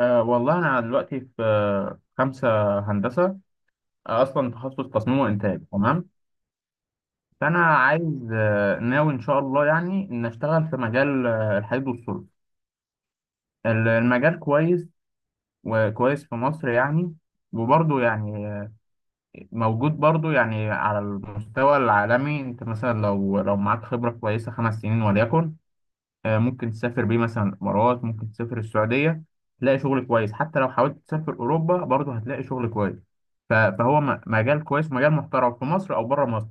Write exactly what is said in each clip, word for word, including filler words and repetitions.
أه والله أنا دلوقتي في آه، خمسة هندسة. آه، أصلا تخصص تصميم وإنتاج، تمام. فأنا عايز آه، ناوي إن شاء الله يعني إن أشتغل في مجال آه، الحديد والصلب. ال- المجال كويس، وكويس في مصر يعني. وبرضه يعني آه، موجود برضه يعني على المستوى العالمي. أنت مثلا لو لو معاك خبرة كويسة خمس سنين وليكن، آه، ممكن تسافر بيه مثلا الإمارات، ممكن تسافر السعودية. تلاقي شغل كويس. حتى لو حاولت تسافر أوروبا برضه هتلاقي شغل كويس. ف- فهو م- مجال كويس، مجال محترم في مصر أو بره مصر.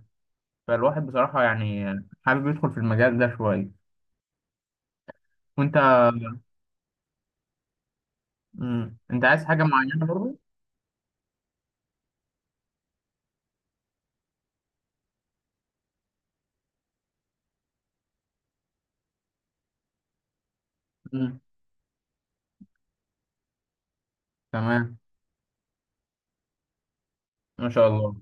فالواحد بصراحة يعني حابب يدخل في المجال ده شوية. وأنت؟ مم. أنت عايز حاجة معينة برضه؟ مم. تمام. ما شاء الله.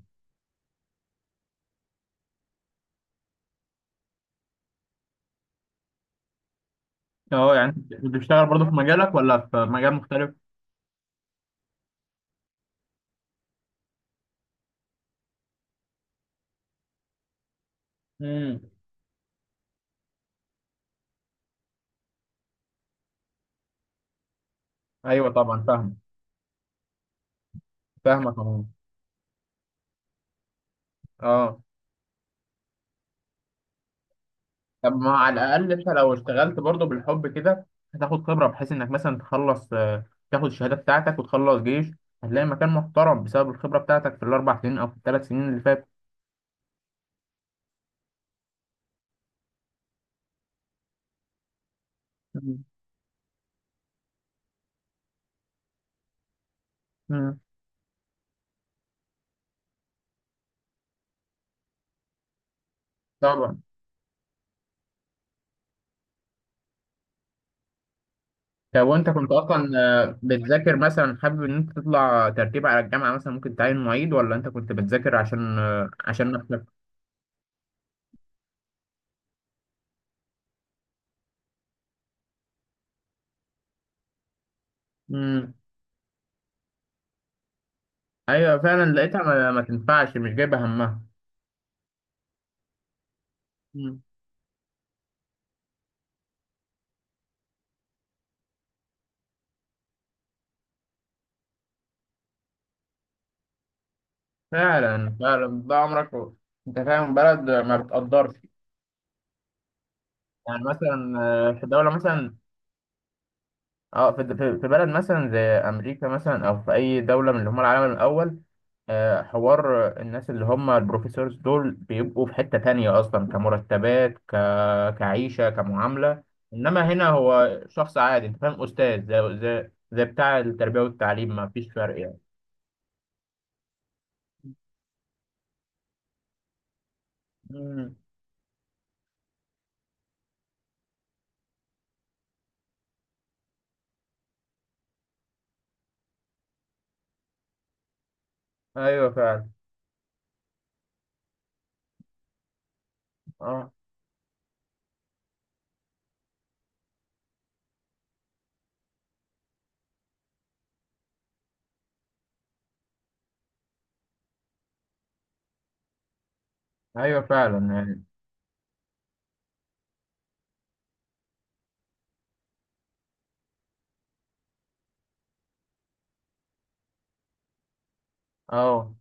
أه، يعني أنت بتشتغل برضه في مجالك ولا في مجال مختلف؟ مم. أيوه طبعا، فاهم. فاهمك أهو. أه، طب ما على الأقل أنت لو اشتغلت برضه بالحب كده، هتاخد خبرة بحيث إنك مثلا تخلص، آه، تاخد الشهادة بتاعتك وتخلص جيش. هتلاقي مكان محترم بسبب الخبرة بتاعتك في الأربع سنين أو في الثلاث سنين اللي فاتت. مم. مم. طبعا. طب وأنت كنت أصلا آه، بتذاكر مثلا، حابب إن أنت تطلع ترتيب على الجامعة مثلا ممكن تعين معيد، ولا أنت كنت بتذاكر عشان آه، عشان نفسك؟ مم. أيوه فعلا، لقيتها ما, ما تنفعش، مش جايبة همها. مم. فعلا فعلا، ده عمرك و- أنت فاهم، بلد ما بتقدرش. يعني مثلا آه، في دولة مثلا، اه في في في بلد مثلا زي امريكا مثلا، او في اي دولة من اللي هم العالم الاول. آه، حوار الناس اللي هم البروفيسورز دول بيبقوا في حتة تانية اصلا، كمرتبات، ك... كعيشة، كمعاملة. انما هنا هو شخص عادي، انت فاهم، استاذ زي زي زي بتاع التربية والتعليم، ما فيش فرق يعني. امم. ايوه فعلا. اه، ايوه فعلا يعني. اه.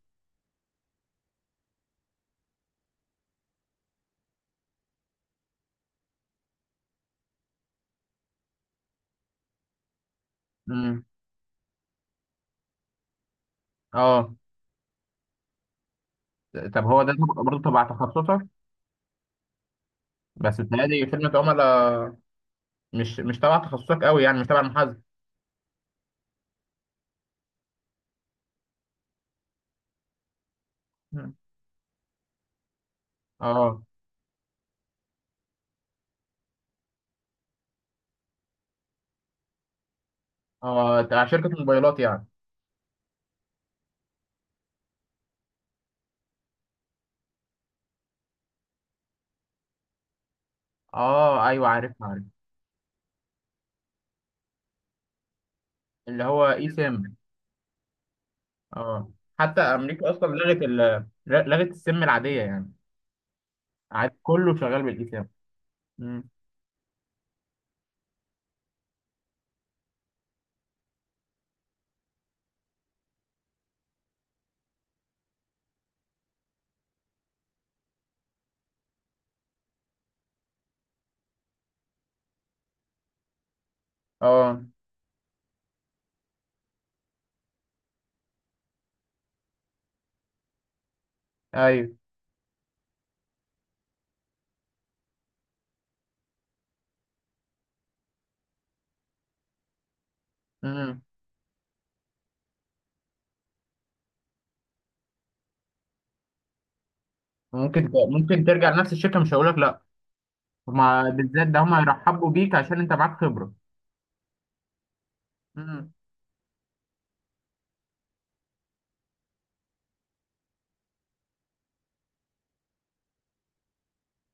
امم. اه، طب هو ده برضه تبع تخصصك؟ بس بتهيألي خدمة عملاء. مش مش تبع تخصصك قوي يعني، مش تبع المحاسبه. مم. اه. اه، تبع شركه موبايلات يعني. اه، ايوه، عارف عارف. اللي هو اي سيم. اه، حتى امريكا اصلا لغت ال لغت السيم العاديه يعني. عاد كله شغال بالاي سيم. مم. اه، ايوه. مم. ممكن ت- ممكن ترجع لنفس الشركه، مش هقول لك لا. هما بالذات ده، هما يرحبوا بيك عشان انت معاك خبره. مم.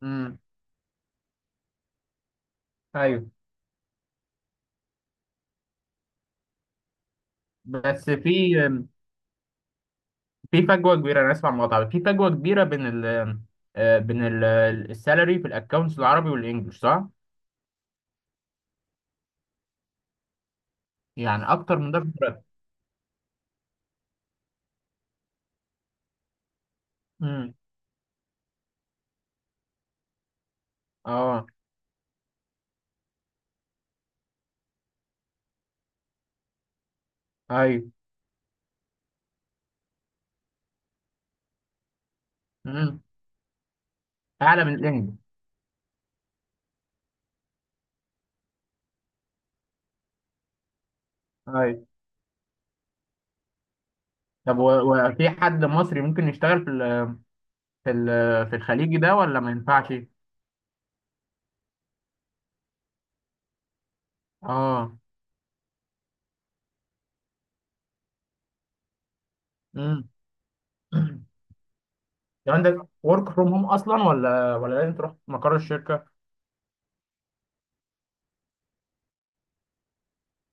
امم. ايوه. بس في في فجوه كبيره، انا اسمع مقاطعه، في فجوه كبيره بين ال آه، بين ال- السالري في الاكونتس العربي والانجليش، صح؟ يعني اكتر من ده في الراتب. امم. اه، ايوه. امم. اعلى من الانجليش؟ ايوه. طب و- وفي حد مصري ممكن يشتغل في ال في ال في الخليجي ده، ولا ما ينفعش؟ اه. امم. لو عندك ورك فروم هوم اصلا، ولا ولا لازم تروح مقر الشركه؟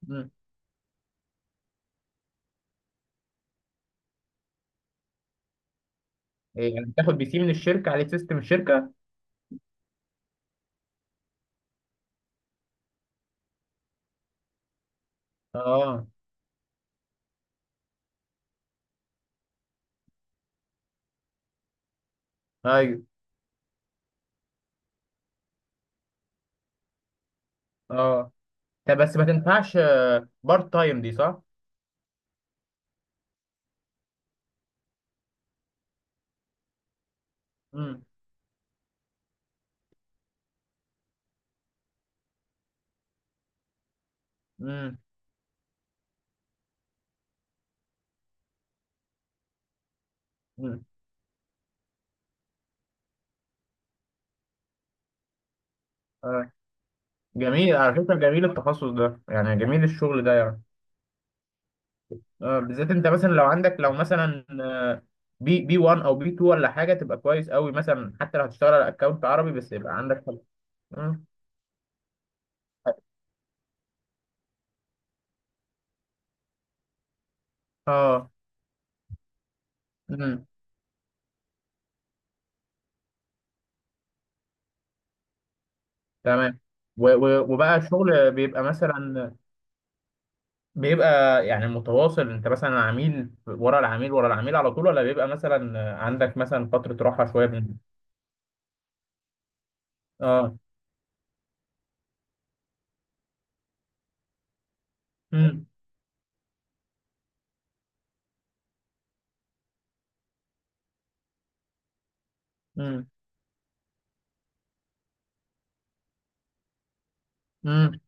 امم. إيه، يعني تاخد بي سي من الشركه عليه سيستم الشركه؟ اه، ايوه. اه، طب بس ما تنفعش بارت تايم دي، صح؟ امم. امم. امم. آه. جميل على فكرة، جميل التخصص ده يعني، جميل الشغل ده يعني. آه. بالذات انت مثلا لو عندك لو مثلا آه، بي بي واحد او بي اتنين ولا حاجة، تبقى كويس قوي مثلا حتى لو هتشتغل على اكونت عربي، بس يبقى عندك حاجة. مم. اه. امم. تمام. و- و- وبقى الشغل بيبقى مثلا بيبقى يعني متواصل، انت مثلا عميل ورا العميل ورا العميل على طول، ولا بيبقى مثلا عندك مثلا فترة راحة شوية من... اه. امم. امم. امم.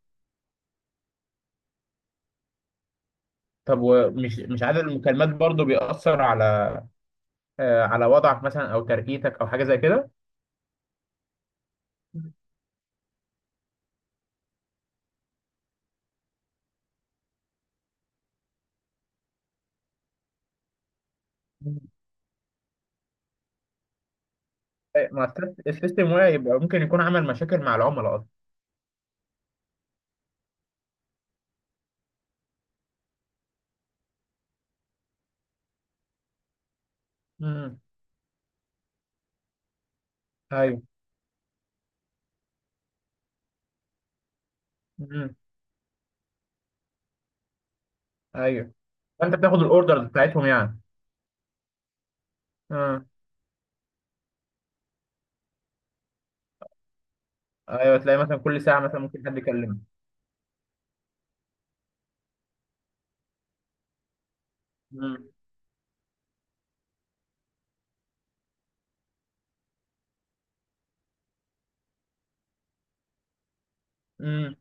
طب ومش مش عدد المكالمات برضو بيأثر على آه، على وضعك مثلا او ترقيتك او حاجه زي كده؟ مم. ما السيست- السيستم واعي، يبقى ممكن يكون عمل مشاكل مع العملاء اصلا. امم. ايوه. امم. ايوه، فانت بتاخد الاوردرز بتاعتهم يعني. امم. ايوه، تلاقي مثلا كل ساعه مثلا ممكن حد يكلمك. امم. امم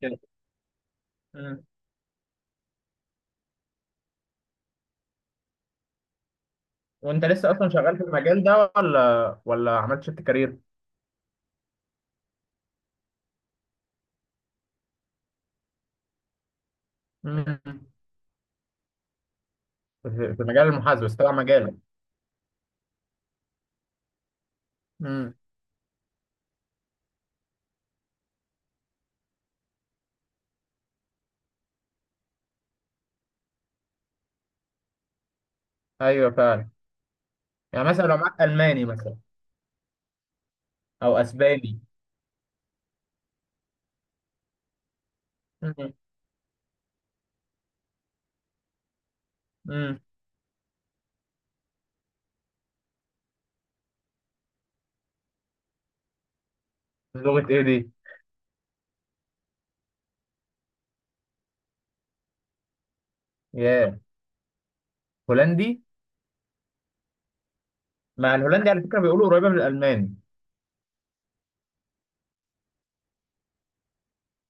كده. امم. وانت لسه اصلا شغال في المجال ده، ولا ولا عملت شيفت كارير؟ امم. في في مجال المحاسبه بس، تبع مجالك؟ امم. ايوه فعلا. يعني مثلا لو معاك الماني مثلا، او اسباني. مم. مم. لغه ايه دي؟ ياه. هولندي. ما الهولندي على فكره بيقولوا قريبه من الالماني.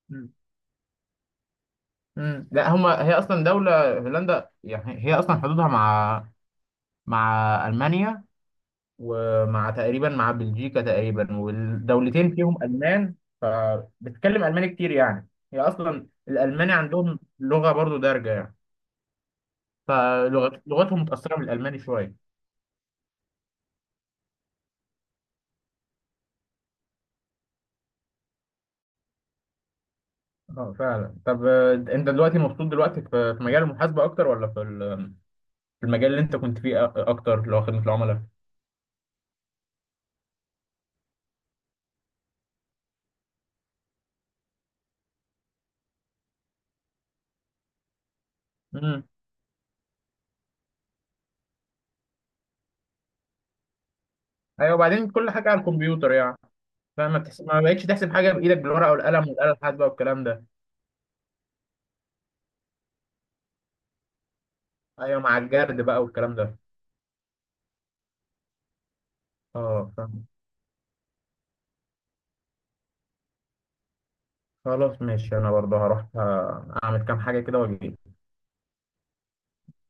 مم. مم. لا هما، هي اصلا دوله هولندا يعني، هي اصلا حدودها مع مع المانيا، ومع تقريبا مع بلجيكا تقريبا، والدولتين فيهم المان. فبتتكلم الماني كتير يعني، هي اصلا الالماني عندهم لغه برضو دارجه يعني. فلغتهم متاثره بالالماني شويه. اه فعلا. طب آه، انت دلوقتي مبسوط دلوقتي في في مجال المحاسبه اكتر، ولا في ال- في المجال اللي انت كنت فيه أ- اكتر، اللي هو خدمه العملاء؟ امم. ايوه، وبعدين كل حاجه على الكمبيوتر يعني. فما بتحس... ما بقتش تحسب حاجه بايدك بالورقه والقلم والاله الحاسبه والكلام ده. ايوه، مع الجرد بقى والكلام ده. اه فاهم. خلاص ماشي، انا برضه هروح آه، اعمل كام حاجه كده واجي.